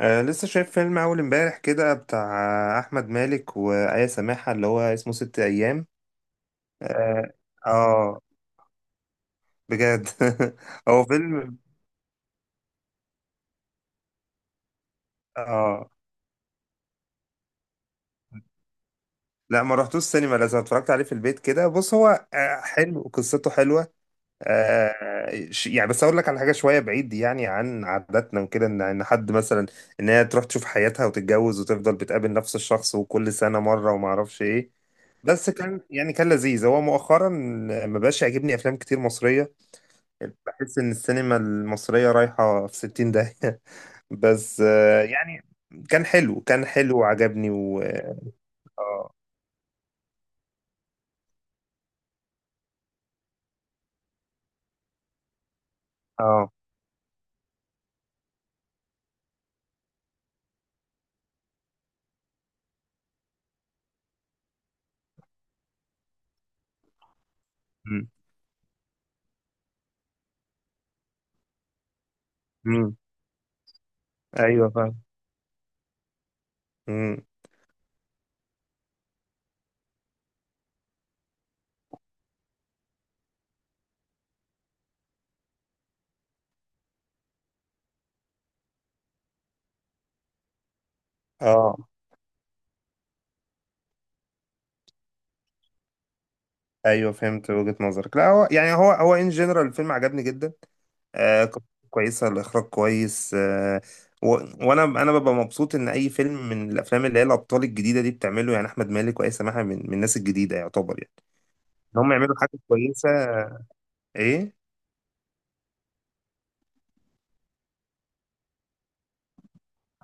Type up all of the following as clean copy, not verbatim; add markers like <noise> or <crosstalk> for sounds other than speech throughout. آه، لسه شايف فيلم أول امبارح كده بتاع أحمد مالك وآية سماحة اللي هو اسمه ست أيام. آه, آه, بجد. <laughs> هو فيلم آه لا، ما رحتوش السينما، لازم اتفرجت عليه في البيت كده. بص، هو حلو، قصته حلوة. يعني بس اقول لك على حاجه شويه بعيد يعني عن عاداتنا وكده، ان حد مثلا، ان هي تروح تشوف حياتها وتتجوز وتفضل بتقابل نفس الشخص وكل سنه مره وما اعرفش ايه. بس كان يعني كان لذيذ. هو مؤخرا ما بقاش يعجبني افلام كتير مصريه. بحس ان السينما المصريه رايحه في 60 داهيه. <laughs> بس يعني كان حلو، كان حلو وعجبني و، اه، اه. مم. مم. ايوه فاهم. مم. اه، ايوه فهمت وجهة نظرك. لا هو يعني هو ان جنرال الفيلم عجبني جدا. آه، قصته كويسه، الاخراج كويس. آه و... وانا ببقى مبسوط ان اي فيلم من الافلام اللي هي الابطال الجديده دي بتعمله، يعني احمد مالك واي سماحه، من الناس الجديده، يعتبر يعني ان هم يعملوا حاجه كويسه. ايه.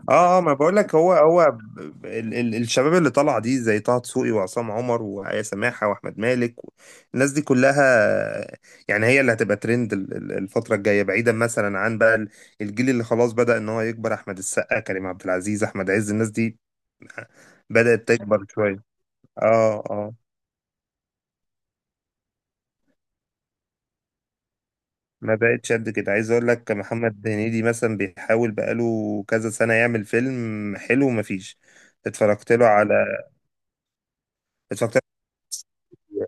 اه، اه، ما بقول لك هو ال الشباب اللي طالعه دي زي طه دسوقي وعصام عمر وآية سماحه واحمد مالك الناس دي كلها يعني هي اللي هتبقى ترند الفتره الجايه، بعيدا مثلا عن بقى الجيل اللي خلاص بدأ ان هو يكبر: احمد السقا، كريم عبد العزيز، احمد عز، الناس دي بدأت تكبر شويه. اه، اه، ما بقتش قد كده. عايز اقول لك محمد هنيدي مثلا بيحاول بقاله كذا سنه يعمل فيلم حلو، مفيش. اتفرجت له على، اتفرجت له،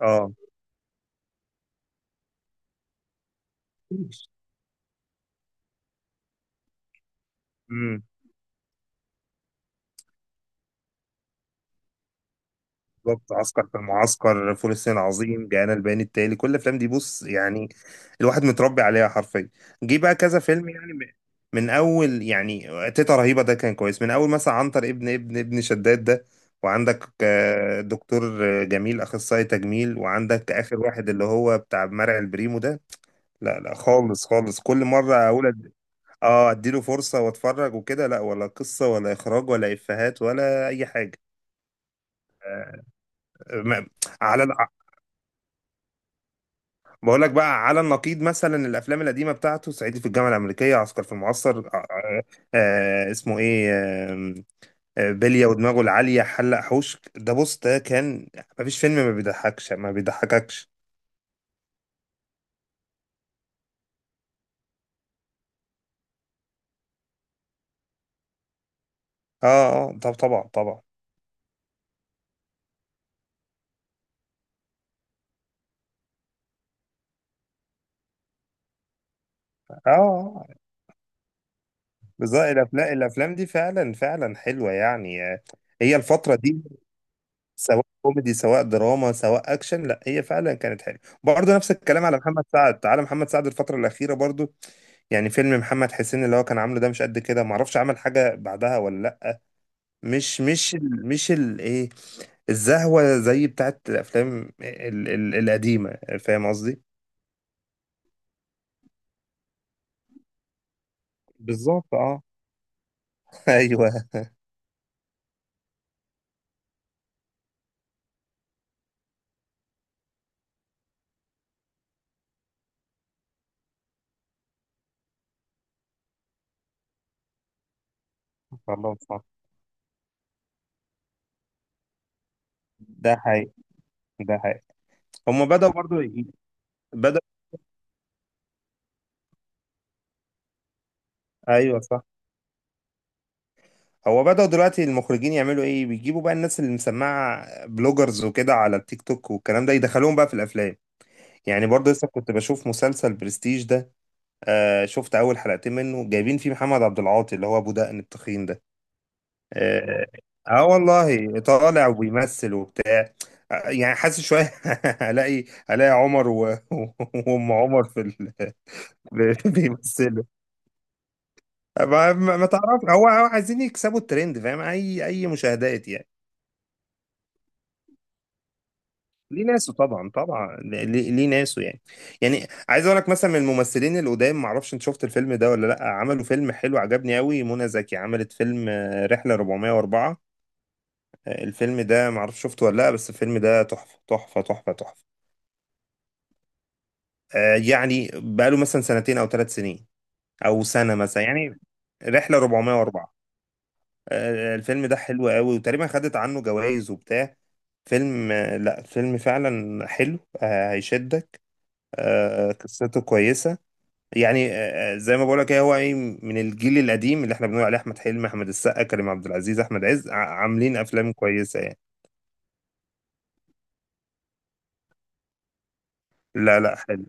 اه. امم، بالظبط: عسكر في المعسكر، فول الصين العظيم، جاءنا البيان التالي، كل الافلام دي بص يعني الواحد متربي عليها حرفيا. جه بقى كذا فيلم يعني من اول يعني تيتا رهيبه ده كان كويس، من اول مثلا عنتر ابن شداد ده، وعندك آه، دكتور آه، جميل اخصائي تجميل، وعندك اخر واحد اللي هو بتاع مرعي البريمو ده. لا خالص خالص، كل مره اقول اه، اديله فرصه واتفرج وكده، لا ولا قصه ولا اخراج ولا افيهات ولا اي حاجه. ما- على، بقول لك بقى على النقيض مثلا الافلام القديمه بتاعته: صعيدي في الجامعه الامريكيه، عسكر في المعسكر، اسمه ايه، بليه ودماغه العاليه، حلق حوش، ده بص، ده كان مفيش فيلم ما بيضحكش ما بيضحككش. اه، اه، طب طبعا طبعا. اه، آه، بالظبط. الافلام دي فعلا فعلا حلوه يعني. آه، هي الفتره دي سواء كوميدي سواء دراما سواء اكشن، لا هي فعلا كانت حلوه. برضه نفس الكلام على محمد سعد، تعالى محمد سعد الفتره الاخيره برضه، يعني فيلم محمد حسين اللي هو كان عامله ده مش قد كده، معرفش عمل حاجه بعدها ولا لا. مش مش ال مش ال ايه، الزهوه زي بتاعت الافلام ال القديمه، فاهم قصدي. بالظبط اه. <laughs> ايوه. والله صح، ده حقيقي، ده حقيقي. هما بدأوا برضو بدأ، ايوه صح. هو بدأوا دلوقتي المخرجين يعملوا ايه، بيجيبوا بقى الناس اللي مسمعة، بلوجرز وكده على التيك توك والكلام ده، يدخلوهم بقى في الافلام. يعني برضه لسه كنت بشوف مسلسل برستيج ده. آه، شفت اول حلقتين منه، جايبين فيه محمد عبد العاطي اللي هو ابو دقن التخين ده. اه, آه والله طالع وبيمثل وبتاع. آه، يعني حاسس شوية. <laughs> هلاقي عمر و... <laughs> وام عمر في ال... <laughs> بيمثلوا. ما تعرف، هو عايزين يكسبوا الترند، فاهم، اي مشاهدات يعني. ليه ناسه طبعا طبعا. ليه، ليه ناسه يعني. يعني عايز اقول لك مثلا من الممثلين القدام، ما اعرفش انت شفت الفيلم ده ولا لا، عملوا فيلم حلو عجبني قوي، منى زكي عملت فيلم آه، رحلة 404. آه، الفيلم ده ما اعرفش شفته ولا لا، بس الفيلم ده تحفة تحفة تحفة تحفة. آه، يعني بقاله مثلا سنتين او ثلاث سنين او سنة مثلا يعني. رحلة 404. آه، الفيلم ده حلو قوي، وتقريبا خدت عنه جوائز وبتاع. فيلم آه، لا فيلم فعلا حلو، آه، هيشدك. آه، قصته كويسة. يعني آه، آه، زي ما بقولك، هي هو ايه، من الجيل القديم اللي احنا بنقول عليه احمد حلمي، احمد السقا، كريم عبد العزيز، احمد عز، عاملين افلام كويسه يعني. لا لا حلو،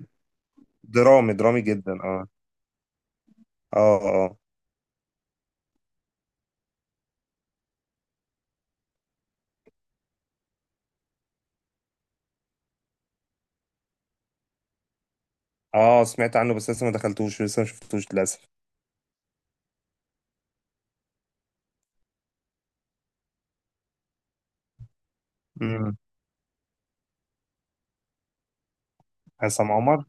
درامي درامي جدا اه. اه، اه، اه، سمعت عنه بس لسه ما دخلتوش، لسه ما شفتوش للاسف. امم. عصام عمر.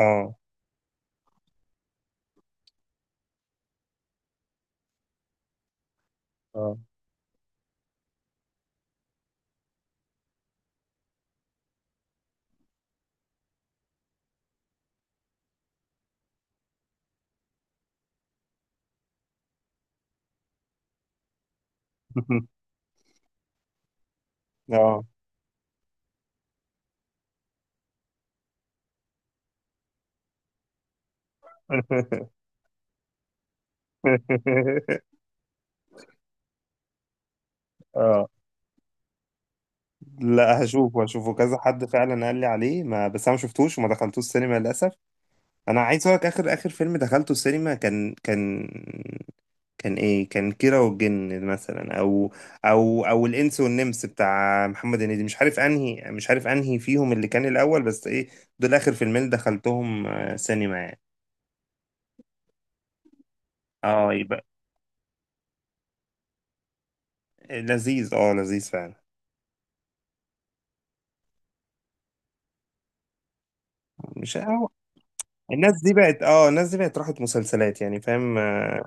اه، اه. <laughs> اه. <laughs> اه، لا هشوفه هشوفه، كذا حد فعلا قال لي عليه، ما بس انا ما شفتوش وما دخلتوش السينما للاسف. انا عايز اقول لك اخر فيلم دخلته السينما كان، كان، كان ايه، كان كيرة والجن مثلا، او او الانس والنمس بتاع محمد هنيدي، مش عارف انهي، مش عارف انهي فيهم اللي كان الاول، بس ايه، دول اخر فيلمين دخلتهم آه، سينما يعني. اه، يبقى لذيذ، اه لذيذ فعلا. مش أو الناس دي بقت اه، الناس دي بقت راحت مسلسلات يعني، فاهم. آه،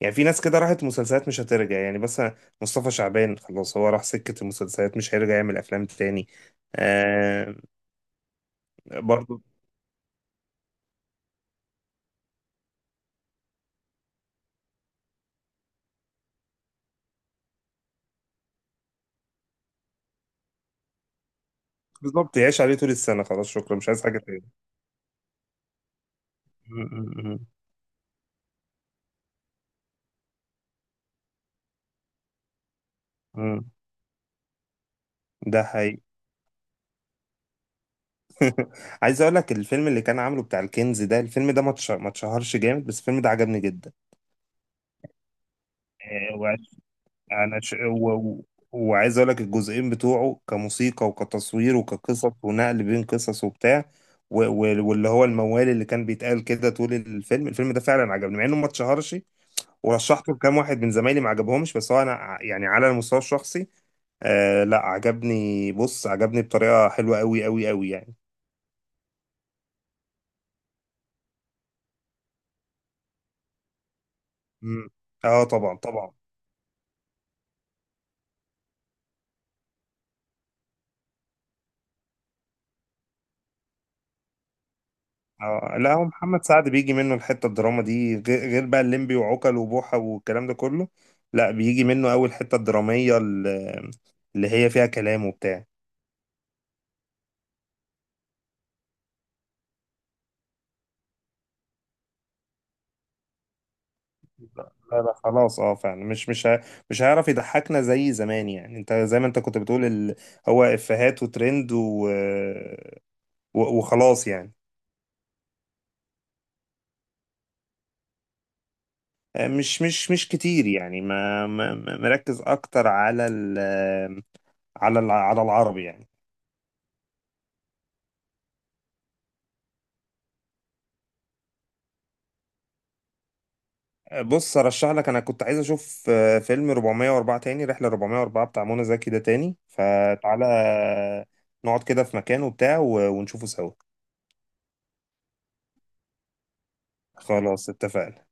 يعني في ناس كده راحت مسلسلات مش هترجع يعني. بس مصطفى شعبان خلاص هو راح سكة المسلسلات مش هيرجع يعمل افلام تاني. آه. برضو بالظبط، يعيش عليه طول السنة خلاص، شكرا مش عايز حاجة تاني. م- م- م. ده حقيقي. <laughs> عايز اقول لك الفيلم اللي كان عامله بتاع الكنز ده، الفيلم ده ما اتشهرش جامد، بس الفيلم ده عجبني جدا. آه، وعش- انا ش... و... و- وعايز اقول لك الجزئين بتوعه كموسيقى وكتصوير وكقصص ونقل بين قصص وبتاع، واللي هو الموال اللي كان بيتقال كده طول الفيلم، الفيلم ده فعلا عجبني مع انه ما اتشهرش. ورشحته لكام واحد من زمايلي ما عجبهمش، بس هو انا يعني على المستوى الشخصي آه لا عجبني، بص عجبني بطريقة حلوة قوي قوي قوي يعني. مم. اه طبعا طبعا. آه لا، هو محمد سعد بيجي منه الحته الدراما دي، غير بقى الليمبي وعوكل وبوحه والكلام ده كله. لا بيجي منه اول حته الدراميه اللي هي فيها كلام وبتاع. لا لا خلاص اه فعلا، مش هيعرف يضحكنا زي زمان يعني. انت زي ما انت كنت بتقول ال... هو افيهات وترند و... وخلاص يعني. آه، مش كتير يعني، مركز اكتر على ال... على ال... على العربي يعني. بص ارشح لك، انا كنت عايز اشوف آه، فيلم 404 تاني، رحله 404 بتاع منى زكي ده، تاني فتعالى نقعد كده في مكان وبتاع ونشوفه سوا. خلاص اتفقنا.